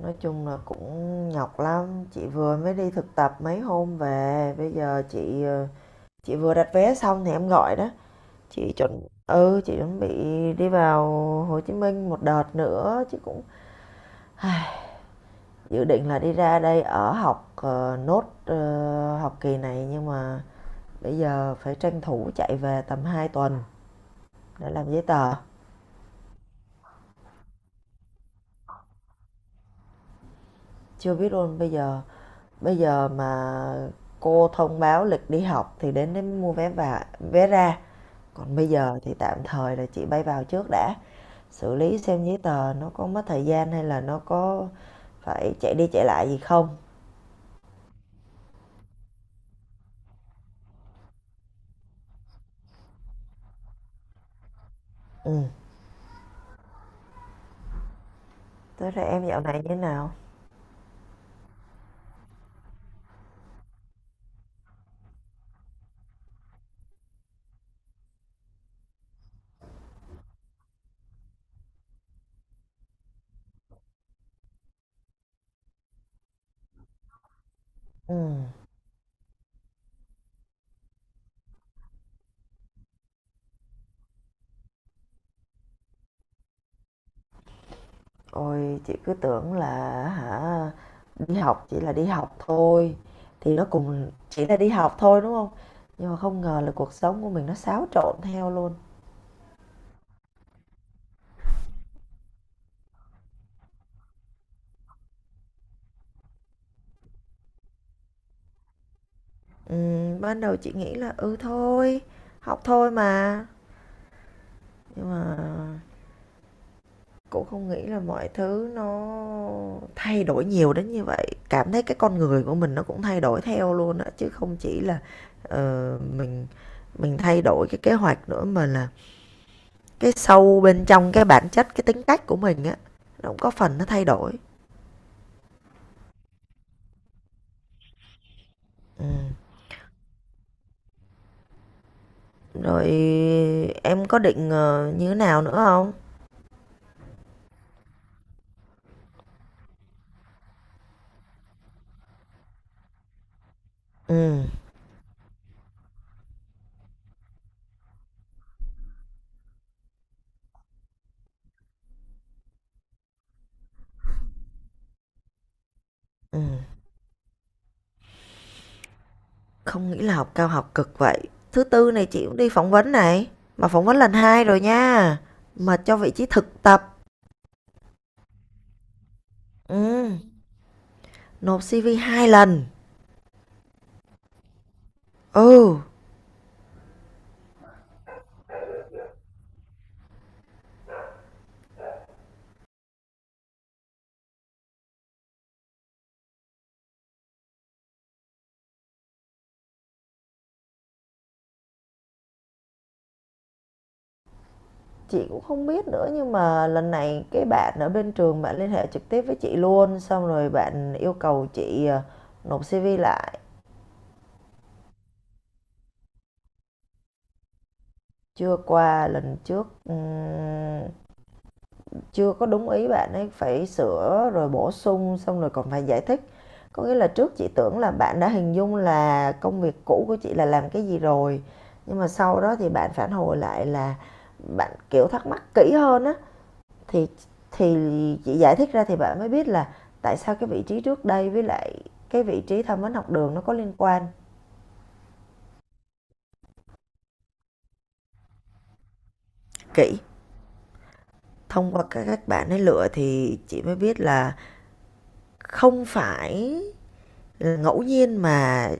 Nói chung là cũng nhọc lắm, chị vừa mới đi thực tập mấy hôm về, bây giờ chị, chị vừa đặt vé xong thì em gọi đó. Chị chuẩn bị đi vào Hồ Chí Minh một đợt nữa chứ cũng Ai, dự định là đi ra đây ở học nốt học kỳ này nhưng mà bây giờ phải tranh thủ chạy về tầm 2 tuần để làm giấy tờ. Chưa biết luôn, bây giờ mà cô thông báo lịch đi học thì đến đấy mới mua vé và vé ra. Còn bây giờ thì tạm thời là chị bay vào trước đã, xử lý xem giấy tờ nó có mất thời gian hay là nó có phải chạy đi chạy lại gì không. Ừm, tới đây em dạo này như thế nào? Ừm, Ôi chị cứ tưởng là hả, đi học chỉ là đi học thôi, thì nó cùng chỉ là đi học thôi, đúng không? Nhưng mà không ngờ là cuộc sống của mình nó xáo trộn theo luôn. Ban đầu chị nghĩ là, ừ, thôi, học thôi mà, nhưng mà cũng không nghĩ là mọi thứ nó thay đổi nhiều đến như vậy, cảm thấy cái con người của mình nó cũng thay đổi theo luôn á, chứ không chỉ là, ờ, mình mình thay đổi cái kế hoạch nữa mà là cái sâu bên trong cái bản chất, cái tính cách của mình á, nó cũng có phần nó thay đổi. Ừm, rồi em có định, như thế nào nữa không? Ừm, ừm, Không nghĩ là học cao học cực vậy. Thứ Tư này chị cũng đi phỏng vấn này, mà phỏng vấn lần 2 rồi nha, mà cho vị trí thực tập. Ừ, nộp CV hai lần. Ừ, chị cũng không biết nữa nhưng mà lần này cái bạn ở bên trường bạn liên hệ trực tiếp với chị luôn, xong rồi bạn yêu cầu chị nộp CV lại. Chưa qua lần trước, chưa có đúng ý bạn ấy, phải sửa rồi bổ sung xong rồi còn phải giải thích. Có nghĩa là trước chị tưởng là bạn đã hình dung là công việc cũ của chị là làm cái gì rồi, nhưng mà sau đó thì bạn phản hồi lại là bạn kiểu thắc mắc kỹ hơn á thì thì chị giải thích ra thì bạn mới biết là tại sao cái vị trí trước đây với lại cái vị trí tham vấn học đường nó có liên quan. Kỹ, thông qua các bạn ấy lựa thì chị mới biết là không phải ngẫu nhiên mà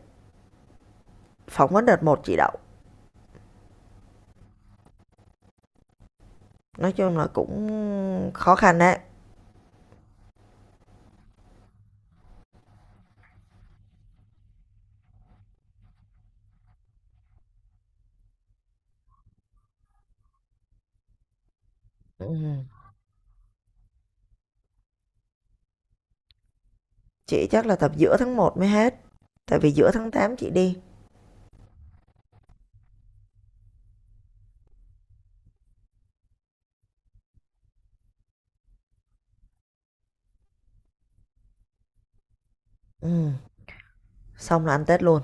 phỏng vấn đợt một chị đậu. Nói chung là cũng khó khăn đấy. Ừ, chị chắc là tập giữa tháng một mới hết, tại vì giữa tháng 8 chị đi. Ừ, xong là ăn tết luôn.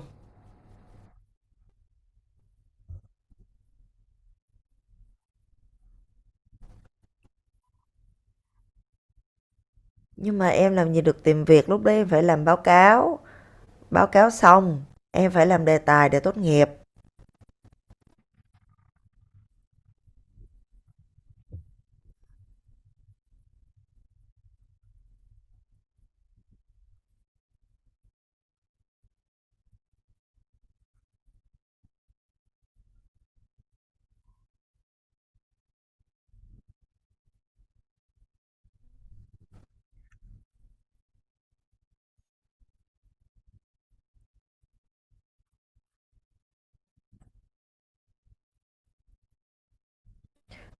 Nhưng mà em làm gì được tìm việc, lúc đấy em phải làm báo cáo. Báo cáo xong, em phải làm đề tài để tốt nghiệp.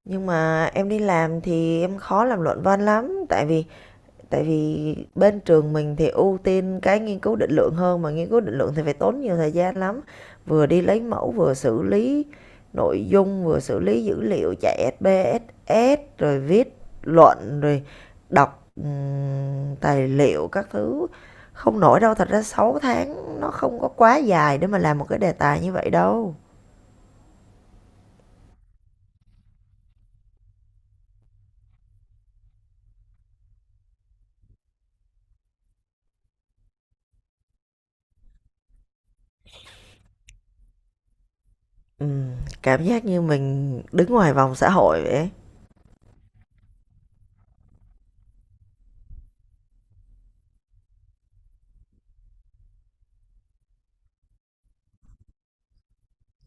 Nhưng mà em đi làm thì em khó làm luận văn lắm, tại vì bên trường mình thì ưu tiên cái nghiên cứu định lượng hơn, mà nghiên cứu định lượng thì phải tốn nhiều thời gian lắm. Vừa đi lấy mẫu, vừa xử lý nội dung, vừa xử lý dữ liệu chạy SPSS rồi viết luận, rồi đọc tài liệu các thứ. Không nổi đâu, thật ra 6 tháng nó không có quá dài để mà làm một cái đề tài như vậy đâu. Ừm, cảm giác như mình đứng ngoài vòng xã hội vậy ấy.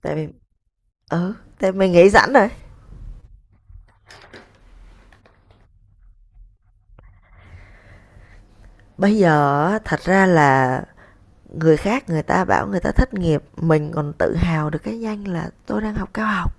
Tại vì ừ, tại mình nghĩ sẵn rồi. Bây giờ á, thật ra là người khác người ta bảo người ta thất nghiệp, mình còn tự hào được cái danh là tôi đang học cao học.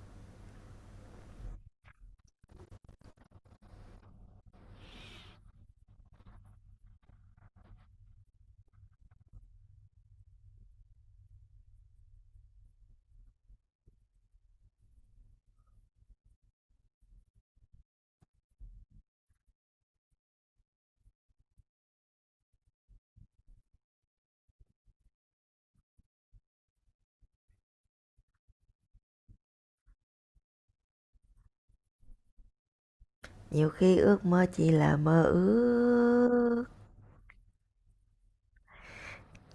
Nhiều khi ước mơ chỉ là mơ ước.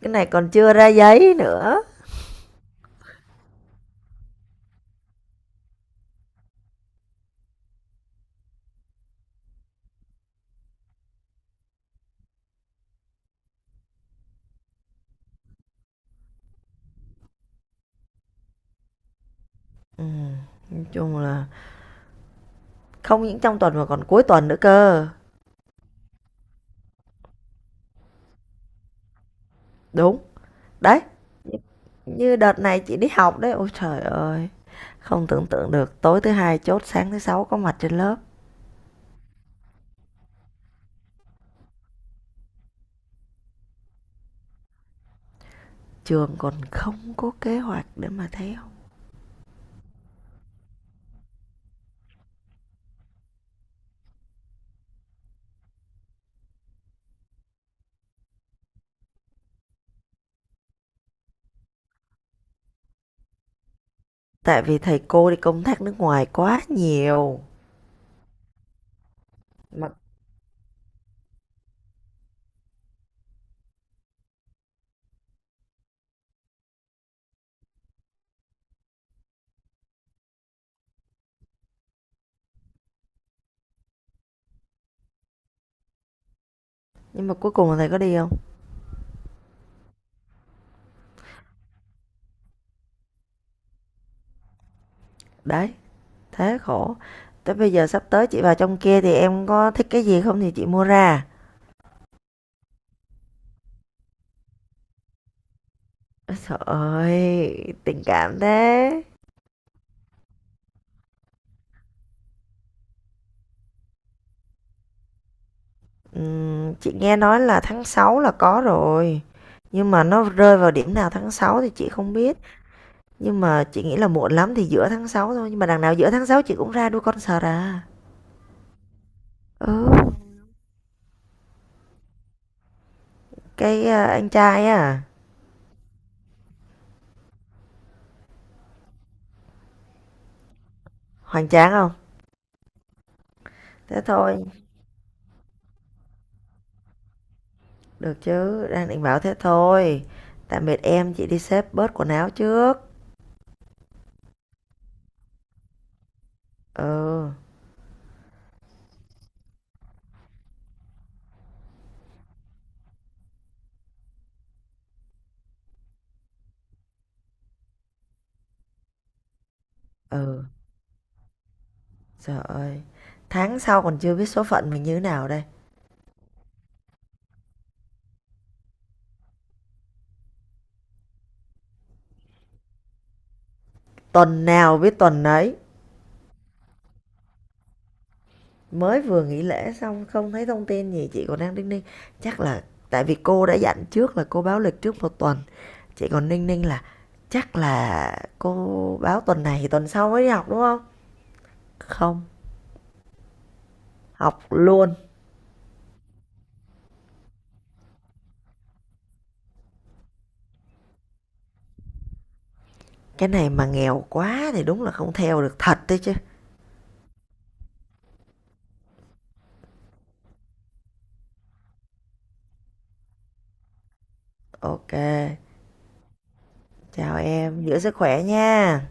Cái này còn chưa ra giấy nữa. Nói chung là không những trong tuần mà còn cuối tuần nữa cơ. Đúng. Đấy, như đợt này chị đi học đấy. Ôi trời ơi. Không tưởng tượng được, tối thứ hai chốt sáng thứ sáu có mặt trên lớp. Trường còn không có kế hoạch để mà theo, tại vì thầy cô đi công tác nước ngoài quá nhiều mà. Nhưng mà cuối cùng là thầy có đi không? Đấy, thế khổ. Tới bây giờ sắp tới chị vào trong kia thì em có thích cái gì không thì chị mua ra. Trời ơi tình cảm thế. Chị nghe nói là tháng 6 là có rồi, nhưng mà nó rơi vào điểm nào tháng sáu thì chị không biết. Nhưng mà chị nghĩ là muộn lắm thì giữa tháng 6 thôi, nhưng mà đằng nào giữa tháng 6 chị cũng ra đuôi concert à. Ừ. Cái, anh trai á, hoành tráng không? Thế thôi, được chứ, đang định bảo thế thôi. Tạm biệt em, chị đi xếp bớt quần áo trước. Ừ, ừ, trời ơi, tháng sau còn chưa biết số phận mình như thế nào đây. Tuần nào biết tuần nấy. Mới vừa nghỉ lễ xong không thấy thông tin gì, chị còn đang đinh ninh. Chắc là tại vì cô đã dặn trước là cô báo lịch trước một tuần, chị còn đinh ninh là chắc là cô báo tuần này thì tuần sau mới đi học, đúng không? Không, học luôn. Cái này mà nghèo quá thì đúng là không theo được thật đấy chứ. OK, chào em, giữ sức khỏe nha.